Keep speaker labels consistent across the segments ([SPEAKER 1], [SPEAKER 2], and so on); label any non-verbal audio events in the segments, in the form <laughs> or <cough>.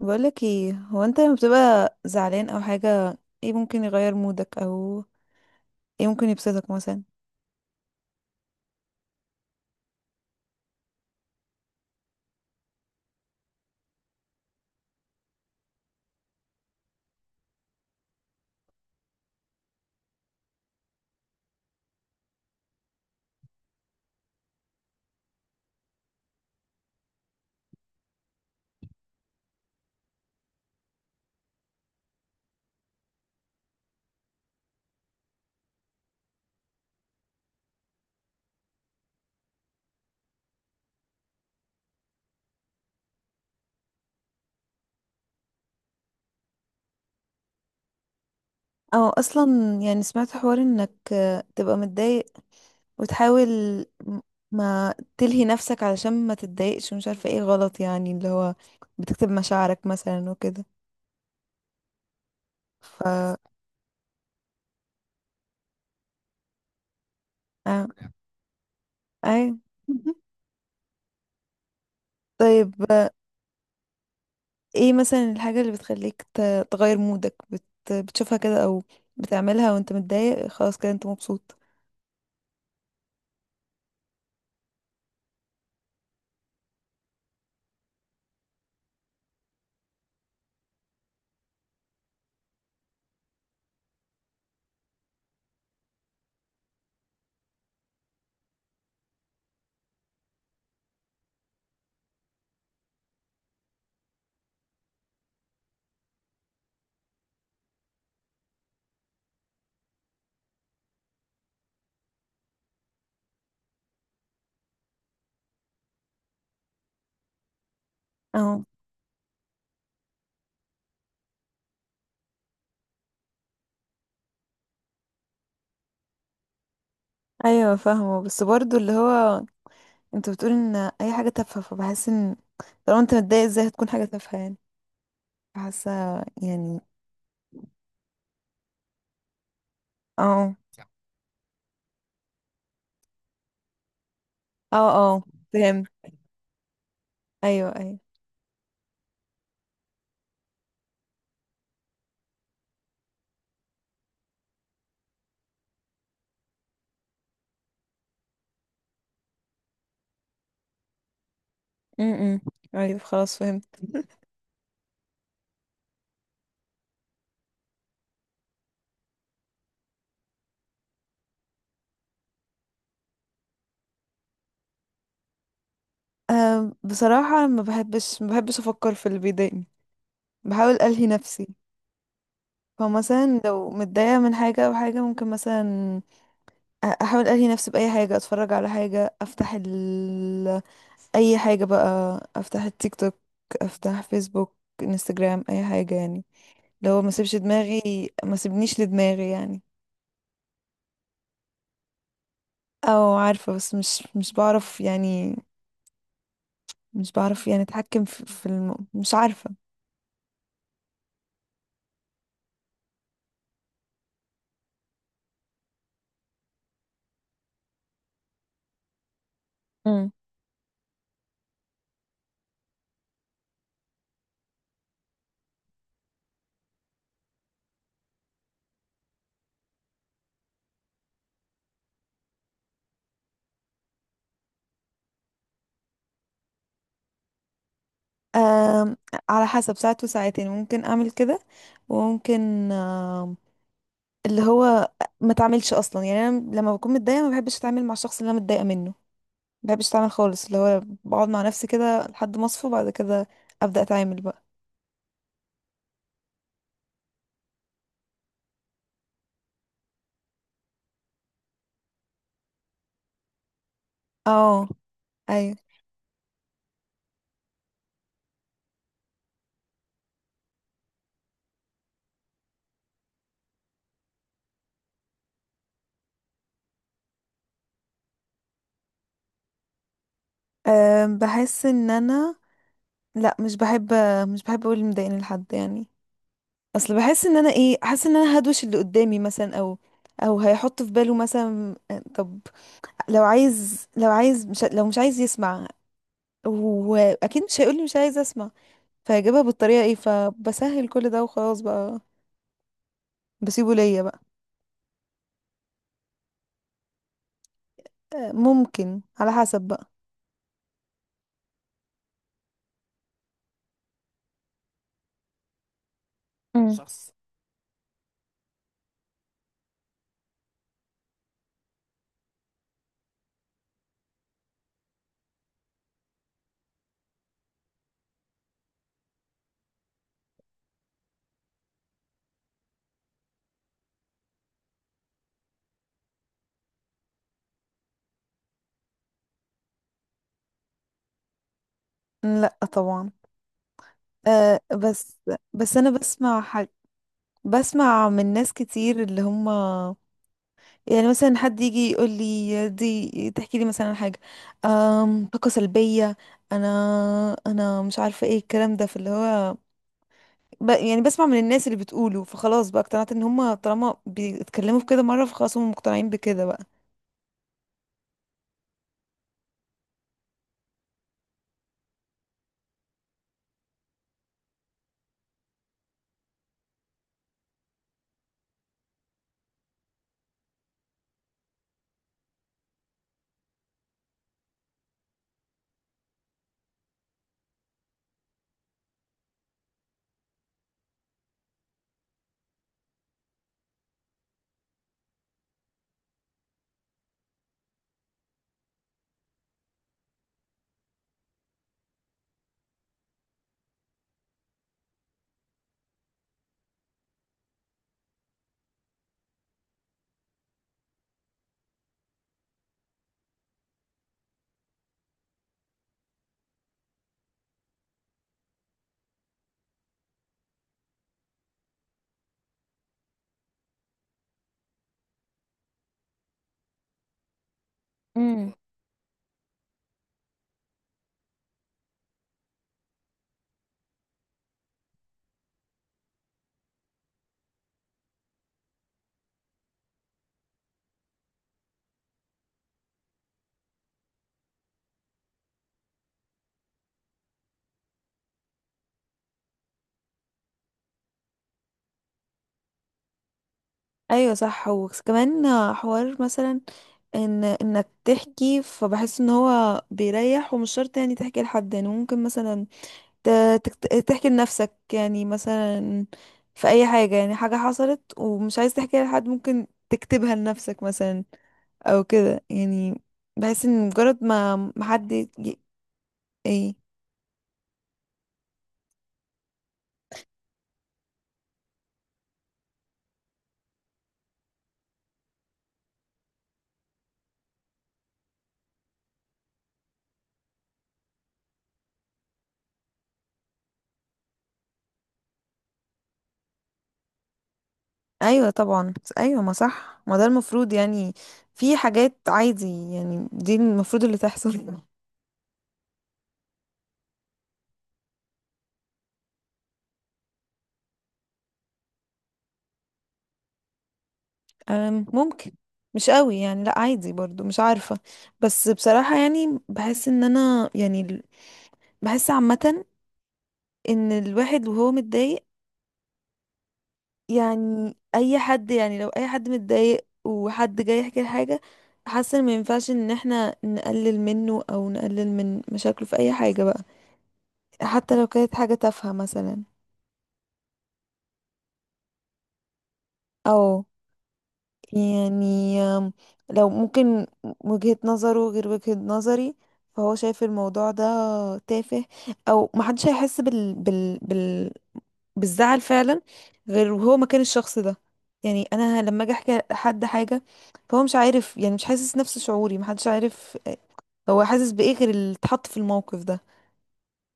[SPEAKER 1] بقولك ايه، هو انت لما بتبقى زعلان او حاجة، ايه ممكن يغير مودك او ايه ممكن يبسطك مثلا؟ او اصلا يعني سمعت حوار انك تبقى متضايق وتحاول م- ما تلهي نفسك علشان ما تتضايقش، ومش عارفة ايه غلط يعني، اللي هو بتكتب مشاعرك مثلا وكده؟ ف آه، اي <laughs> طيب. ايه مثلا الحاجة اللي بتخليك تغير مودك؟ بتشوفها كده او بتعملها وانت متضايق خلاص كده انت مبسوط؟ ايوه، فاهمه. بس برضو اللي هو انت بتقول ان اي حاجه تافهه، فبحس ان طالما انت متضايق، ازاي هتكون حاجه تافهه يعني؟ حاسه يعني. اه، اه، اه، فهمت. ايوه، ايوه. امم، ايوه خلاص فهمت. أه، بصراحه ما بحبش افكر في اللي بيضايقني، بحاول الهي نفسي. فمثلا لو متضايقه من حاجه او حاجه، ممكن مثلا احاول الهي نفسي باي حاجه، اتفرج على حاجه، افتح اي حاجة بقى، افتح التيك توك، افتح فيسبوك، انستجرام، اي حاجة يعني. لو ما سيبش دماغي، ما سيبنيش لدماغي يعني. او عارفة، بس مش بعرف يعني، مش بعرف يعني اتحكم في مش عارفة. امم، أم، على حسب. ساعات وساعتين ممكن اعمل كده، وممكن أم، اللي هو ما اتعاملش اصلا يعني. انا لما بكون متضايقة ما بحبش اتعامل مع الشخص اللي انا متضايقة منه، ما بحبش اتعامل خالص. اللي هو بقعد مع نفسي كده لحد ما اصفى، بعد كده ابدا اتعامل بقى. اه، ايوه. أم، بحس ان انا، لا مش بحب اقول اللي مضايقني لحد يعني. اصل بحس ان انا ايه، حاسه ان انا هدوش اللي قدامي مثلا، او او هيحط في باله مثلا، أه طب لو عايز، لو عايز، مش لو مش عايز يسمع. واكيد مش هيقولي مش عايز اسمع. فهجيبها بالطريقه ايه، فبسهل كل ده وخلاص بقى، بسيبه ليا بقى. أه، ممكن، على حسب بقى. مم. شخص. لا طبعا. أه بس، بس انا بسمع، بسمع من ناس كتير اللي هم يعني مثلا، حد يجي يقول لي دي، تحكي لي مثلا حاجة، أم، طاقة سلبية. انا انا مش عارفة ايه الكلام ده في اللي هو ب... يعني بسمع من الناس اللي بتقوله، فخلاص بقى اقتنعت ان هم طالما بيتكلموا في كده مرة، فخلاص هم مقتنعين بكده بقى. امم. ايوه صح، وكمان حوار مثلا ان انك تحكي، فبحس ان هو بيريح. ومش شرط يعني تحكي لحد، يعني ممكن مثلا تحكي لنفسك يعني مثلا، في اي حاجة، يعني حاجة حصلت ومش عايز تحكيها لحد، ممكن تكتبها لنفسك مثلا او كده يعني. بحس ان مجرد ما حد يجي- ايه، ايوه طبعا. ايوه ما صح، ما ده المفروض يعني. في حاجات عادي يعني دي المفروض اللي تحصل. <laughs> أم، ممكن. مش قوي يعني، لا عادي، برضو مش عارفة. بس بصراحة يعني بحس ان انا يعني ال- بحس عامة ان الواحد وهو متضايق، يعني اي حد، يعني لو اي حد متضايق وحد جاي يحكي حاجة، حاسه ان ما ينفعش ان احنا نقلل منه او نقلل من مشاكله في اي حاجة بقى، حتى لو كانت حاجة تافهة مثلا. او يعني أم، لو ممكن وجهة نظره غير وجهة نظري، فهو شايف الموضوع ده تافه. او محدش هيحس بالزعل فعلا غير وهو مكان الشخص ده. يعني انا لما اجي احكي لحد حاجه، فهو مش عارف يعني، مش حاسس نفس شعوري. محدش عارف هو حاسس بايه غير اللي اتحط في الموقف ده،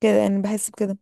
[SPEAKER 1] كده يعني، بحس بكده.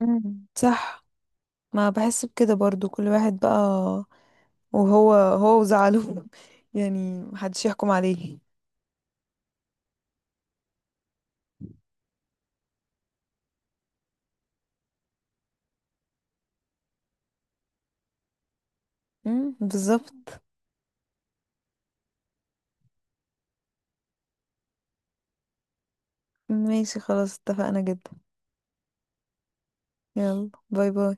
[SPEAKER 1] مم. صح. ما بحس بكده برضو، كل واحد بقى وهو هو وزعله <laughs> يعني محدش يحكم عليه. مم، بالظبط. ماشي خلاص، اتفقنا جدا. يلا، باي باي.